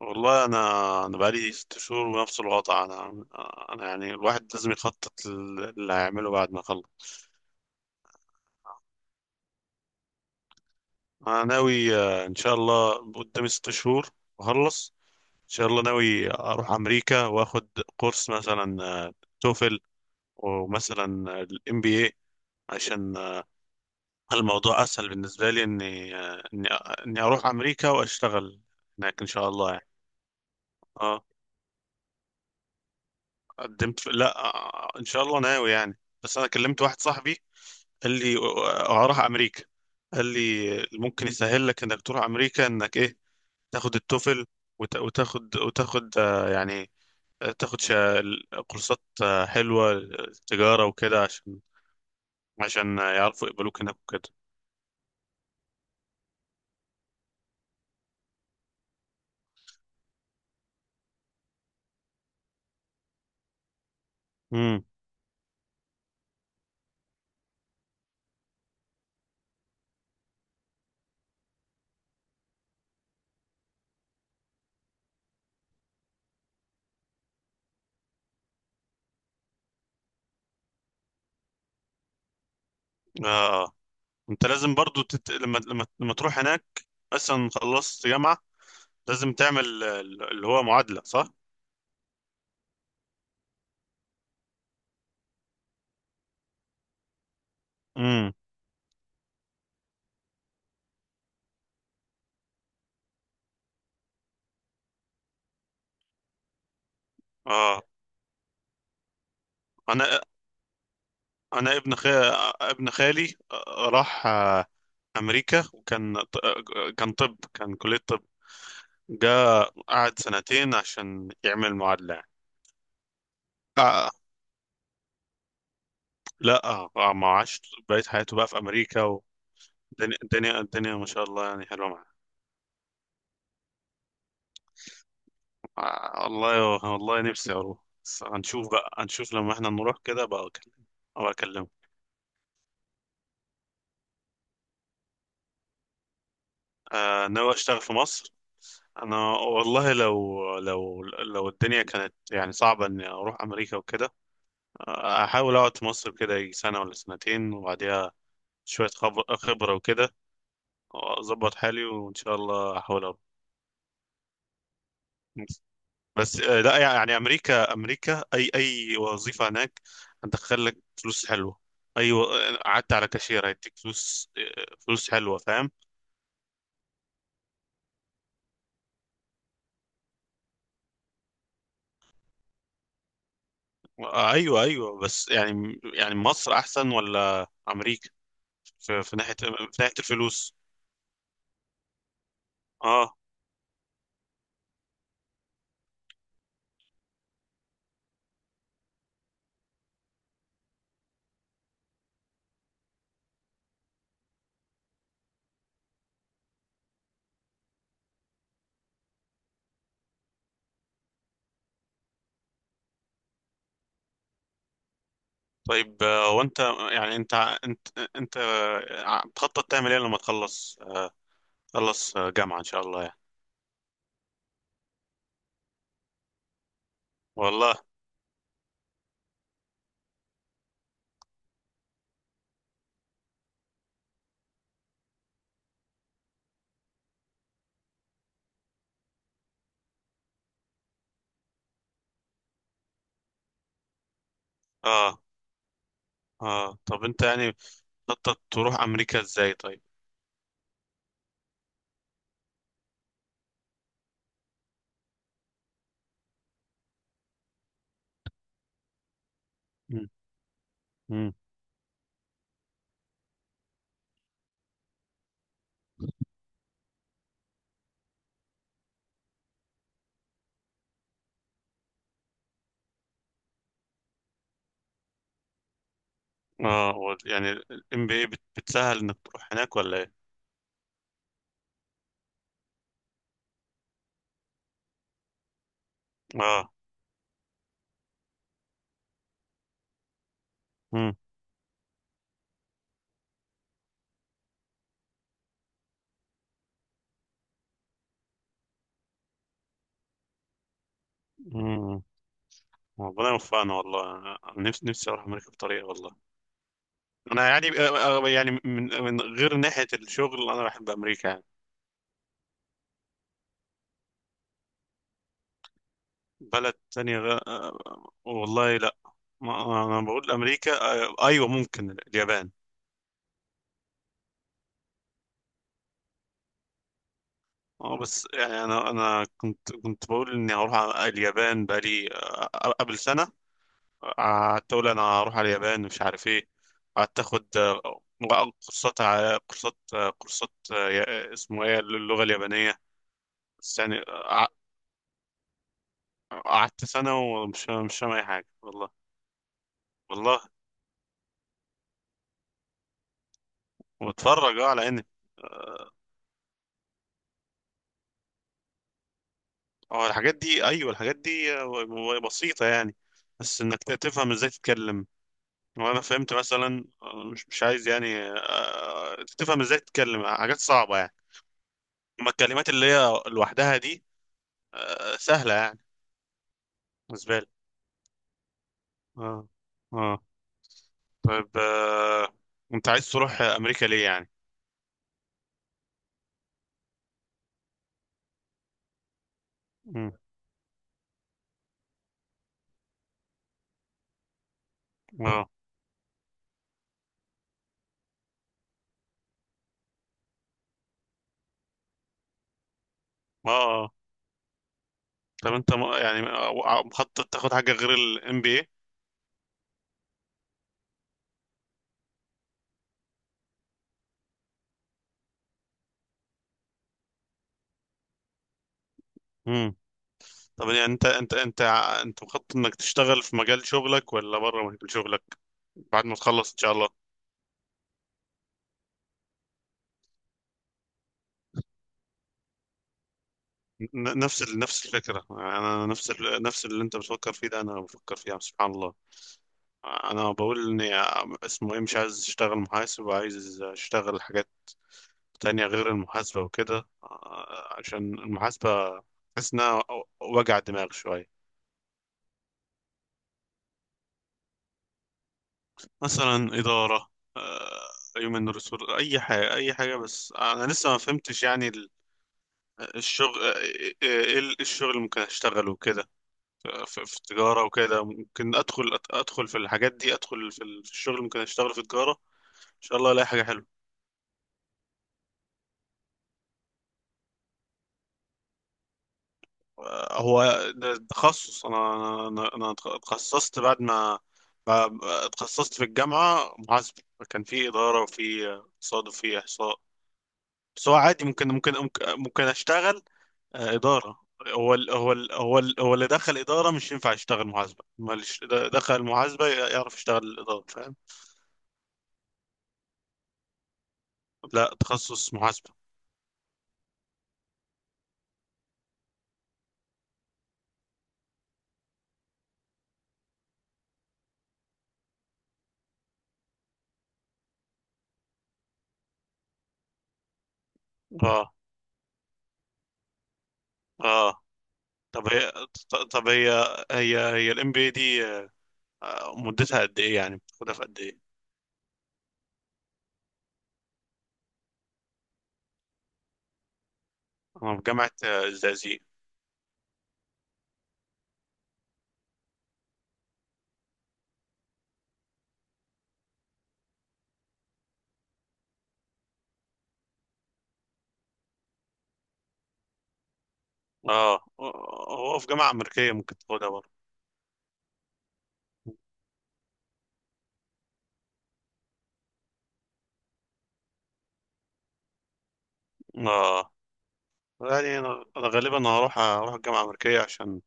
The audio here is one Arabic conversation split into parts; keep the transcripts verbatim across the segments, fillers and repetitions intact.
والله انا انا بقالي ست شهور ونفس الوضع، انا انا يعني الواحد لازم يخطط اللي هيعمله بعد ما اخلص. انا ناوي، آه، ان شاء الله قدامي ست شهور اخلص. ان شاء الله ناوي اروح امريكا واخد كورس مثلا توفل، ومثلا الام بي اي، عشان آه، الموضوع اسهل بالنسبه لي، اني، آه، اني اني اروح امريكا واشتغل هناك ان شاء الله يعني. اه، قدمت في... لا، آه، ان شاء الله ناوي يعني. بس انا كلمت واحد صاحبي، قال لي آه، هروح امريكا. قال لي ممكن يسهل لك انك تروح امريكا، انك ايه، تاخد التوفل، وت- وتاخد وتاخد، آه، يعني، آه، تاخد، شا- كورسات، آه، حلوه، تجاره وكده، عشان عشان آه، يعرفوا يقبلوك هناك وكده. امم. اه. انت لازم برضو، تت... لما لما لما تروح هناك، مثلا خلصت جامعه، لازم تعمل آه، اللي هو معادله، صح. امم. اه. انا انا ابن خال... ابن خالي، آه، راح، آه، امريكا. وكان، ط- آه، كان طب كان كلية طب. جا قعد سنتين عشان يعمل معادلة يعني. آه لا، آه آه، ما عاش، بقيت حياته بقى في امريكا. والدنيا الدنيا الدنيا ما شاء الله يعني حلوة معاه. آه والله والله، نفسي اروح. بس هنشوف بقى، هنشوف لما احنا نروح كده بقى اكلمه، ابقى اكلمه. آه، ناوي اشتغل في مصر. انا والله، لو لو لو الدنيا كانت يعني صعبة اني اروح امريكا وكده، احاول اقعد في مصر كده يجي سنه ولا سنتين، وبعديها شويه خب- خبره وكده، واظبط حالي وان شاء الله احاول اروح. بس آه، لا يعني، امريكا، امريكا اي اي وظيفه هناك هتدخل لك فلوس حلوه. اي و- قعدت على كاشير، هيديك فلوس، آه، فلوس حلوه، فاهم. آه، ايوه ايوه، بس يعني يعني مصر احسن ولا امريكا؟ في, في ناحيه في ناحيه الفلوس. اه، طيب، آه، وانت يعني، انت انت انت آه، بتخطط تعمل ايه لما، تخلص آه، تخلص، آه، جامعة ان شاء الله يعني؟ والله. اه. اه. طب انت يعني بتخطط تروح امريكا ازاي طيب؟ مم. مم. اه، و- يعني الام بي اي بتسهل انك تروح هناك ولا ايه؟ اه. مم. مم. ربنا يوفقنا والله. انا أنا نفسي نفسي اروح امريكا بطريقة والله. انا يعني، آه، آه، يعني من من غير ناحية الشغل، انا بحب امريكا يعني. بلد تانية، غ... آه، والله لا، ما انا بقول امريكا. آه، ايوه، ممكن اليابان. اه، بس يعني انا انا كنت كنت بقول اني هروح على اليابان بقالي، آه، قبل سنة. آه، قعدت اقول انا هروح على اليابان، مش عارف ايه. قعدت اخد آه، كورسات، ع- كورسات آه، كورسات آه، يا- اسمه ايه، اللغة اليابانية؟ بس يعني آه، قعدت سنة، ومش مش فاهم اي حاجة والله. والله، واتفرج اه على انمي. آه، اه، الحاجات دي، ايوه، الحاجات دي آه، بسيطة يعني. بس انك تفهم ازاي تتكلم. وانا فهمت مثلا، آه، مش مش عايز يعني آه، تفهم ازاي تتكلم حاجات صعبة يعني. اما الكلمات اللي هي لوحدها دي، آه، سهلة يعني بالنسبة لي. اه. اه. طيب، آه، انت عايز تروح امريكا ليه يعني؟ مم. اه. اه. آه. طب انت، م- يعني، آه، مخطط تاخد حاجة غير الام بي اي؟ طب يعني، انت انت انت ع- انت مخطط انك تشتغل في مجال شغلك ولا بره مجال شغلك، بعد ما تخلص ان شاء الله؟ ن- نفس، ال- نفس الفكره. انا نفس، ال- نفس اللي انت بتفكر فيه ده، انا بفكر فيه يعني، سبحان الله. انا بقول اني، ع- اسمه ايه، مش عايز اشتغل محاسب، وعايز اشتغل حاجات تانية غير المحاسبه وكده، آه، عشان المحاسبه بحس انها وجع دماغ شويه. مثلا اداره، آه، هيومن ريسورس، اي حاجه، اي حاجه. بس انا لسه ما فهمتش يعني الشغل، آه، آه، آه، ايه الشغل اللي ممكن اشتغله كده، في في التجارة وكده. ممكن ادخل، ادخل في الحاجات دي، ادخل في الشغل اللي ممكن اشتغله في التجارة، ان شاء الله الاقي حاجة حلوة. آه، هو ده تخصص. انا انا انا اتخصصت، بعد ما، ما- اتخصصت في الجامعة محاسبة. كان في إدارة وفي اقتصاد وفي إحصاء. بس هو عادي، ممكن ممكن ممكن ممكن اشتغل آه، إدارة. هو ال هو ال هو ال هو اللي دخل إدارة مش ينفع يشتغل محاسبة، ما اللي، ش- د- دخل محاسبة، ي- يعرف يشتغل الإدارة، فاهم. لا، تخصص محاسبة. اه. اه. طب هي، ط- طب، هي هي هي الام بي إيه دي، آه، آه، مدتها قد ايه يعني؟ بتاخدها في قد ايه؟ انا في جامعة، آه، الزقازيق. اه، هو في جامعة أمريكية ممكن تاخدها برضه. اه، يعني انا، أنا غالبا هروح هروح الجامعة الأمريكية، عشان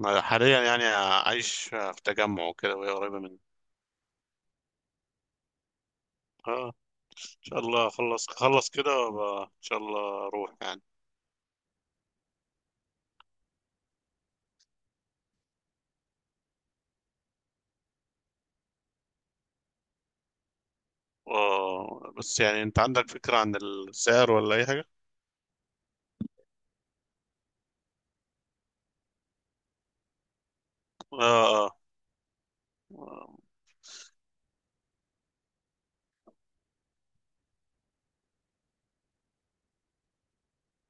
أنا حاليا يعني عايش في تجمع وكده وهي قريبة مني. اه، شاء الله خلص خلص كده وأبقى ان شاء الله اروح يعني. آه بس يعني، انت عندك فكرة عن السعر ولا اي حاجة؟ اه. اه. آه.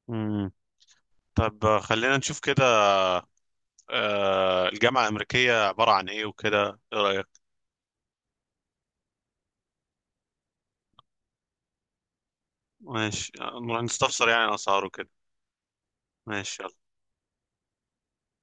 مم. طب، آه، خلينا نشوف كده. آه الجامعة الأمريكية عبارة عن ايه وكده، ايه رأيك؟ ماشي، آه، نروح نستفسر يعني الأسعار وكده. ماشي.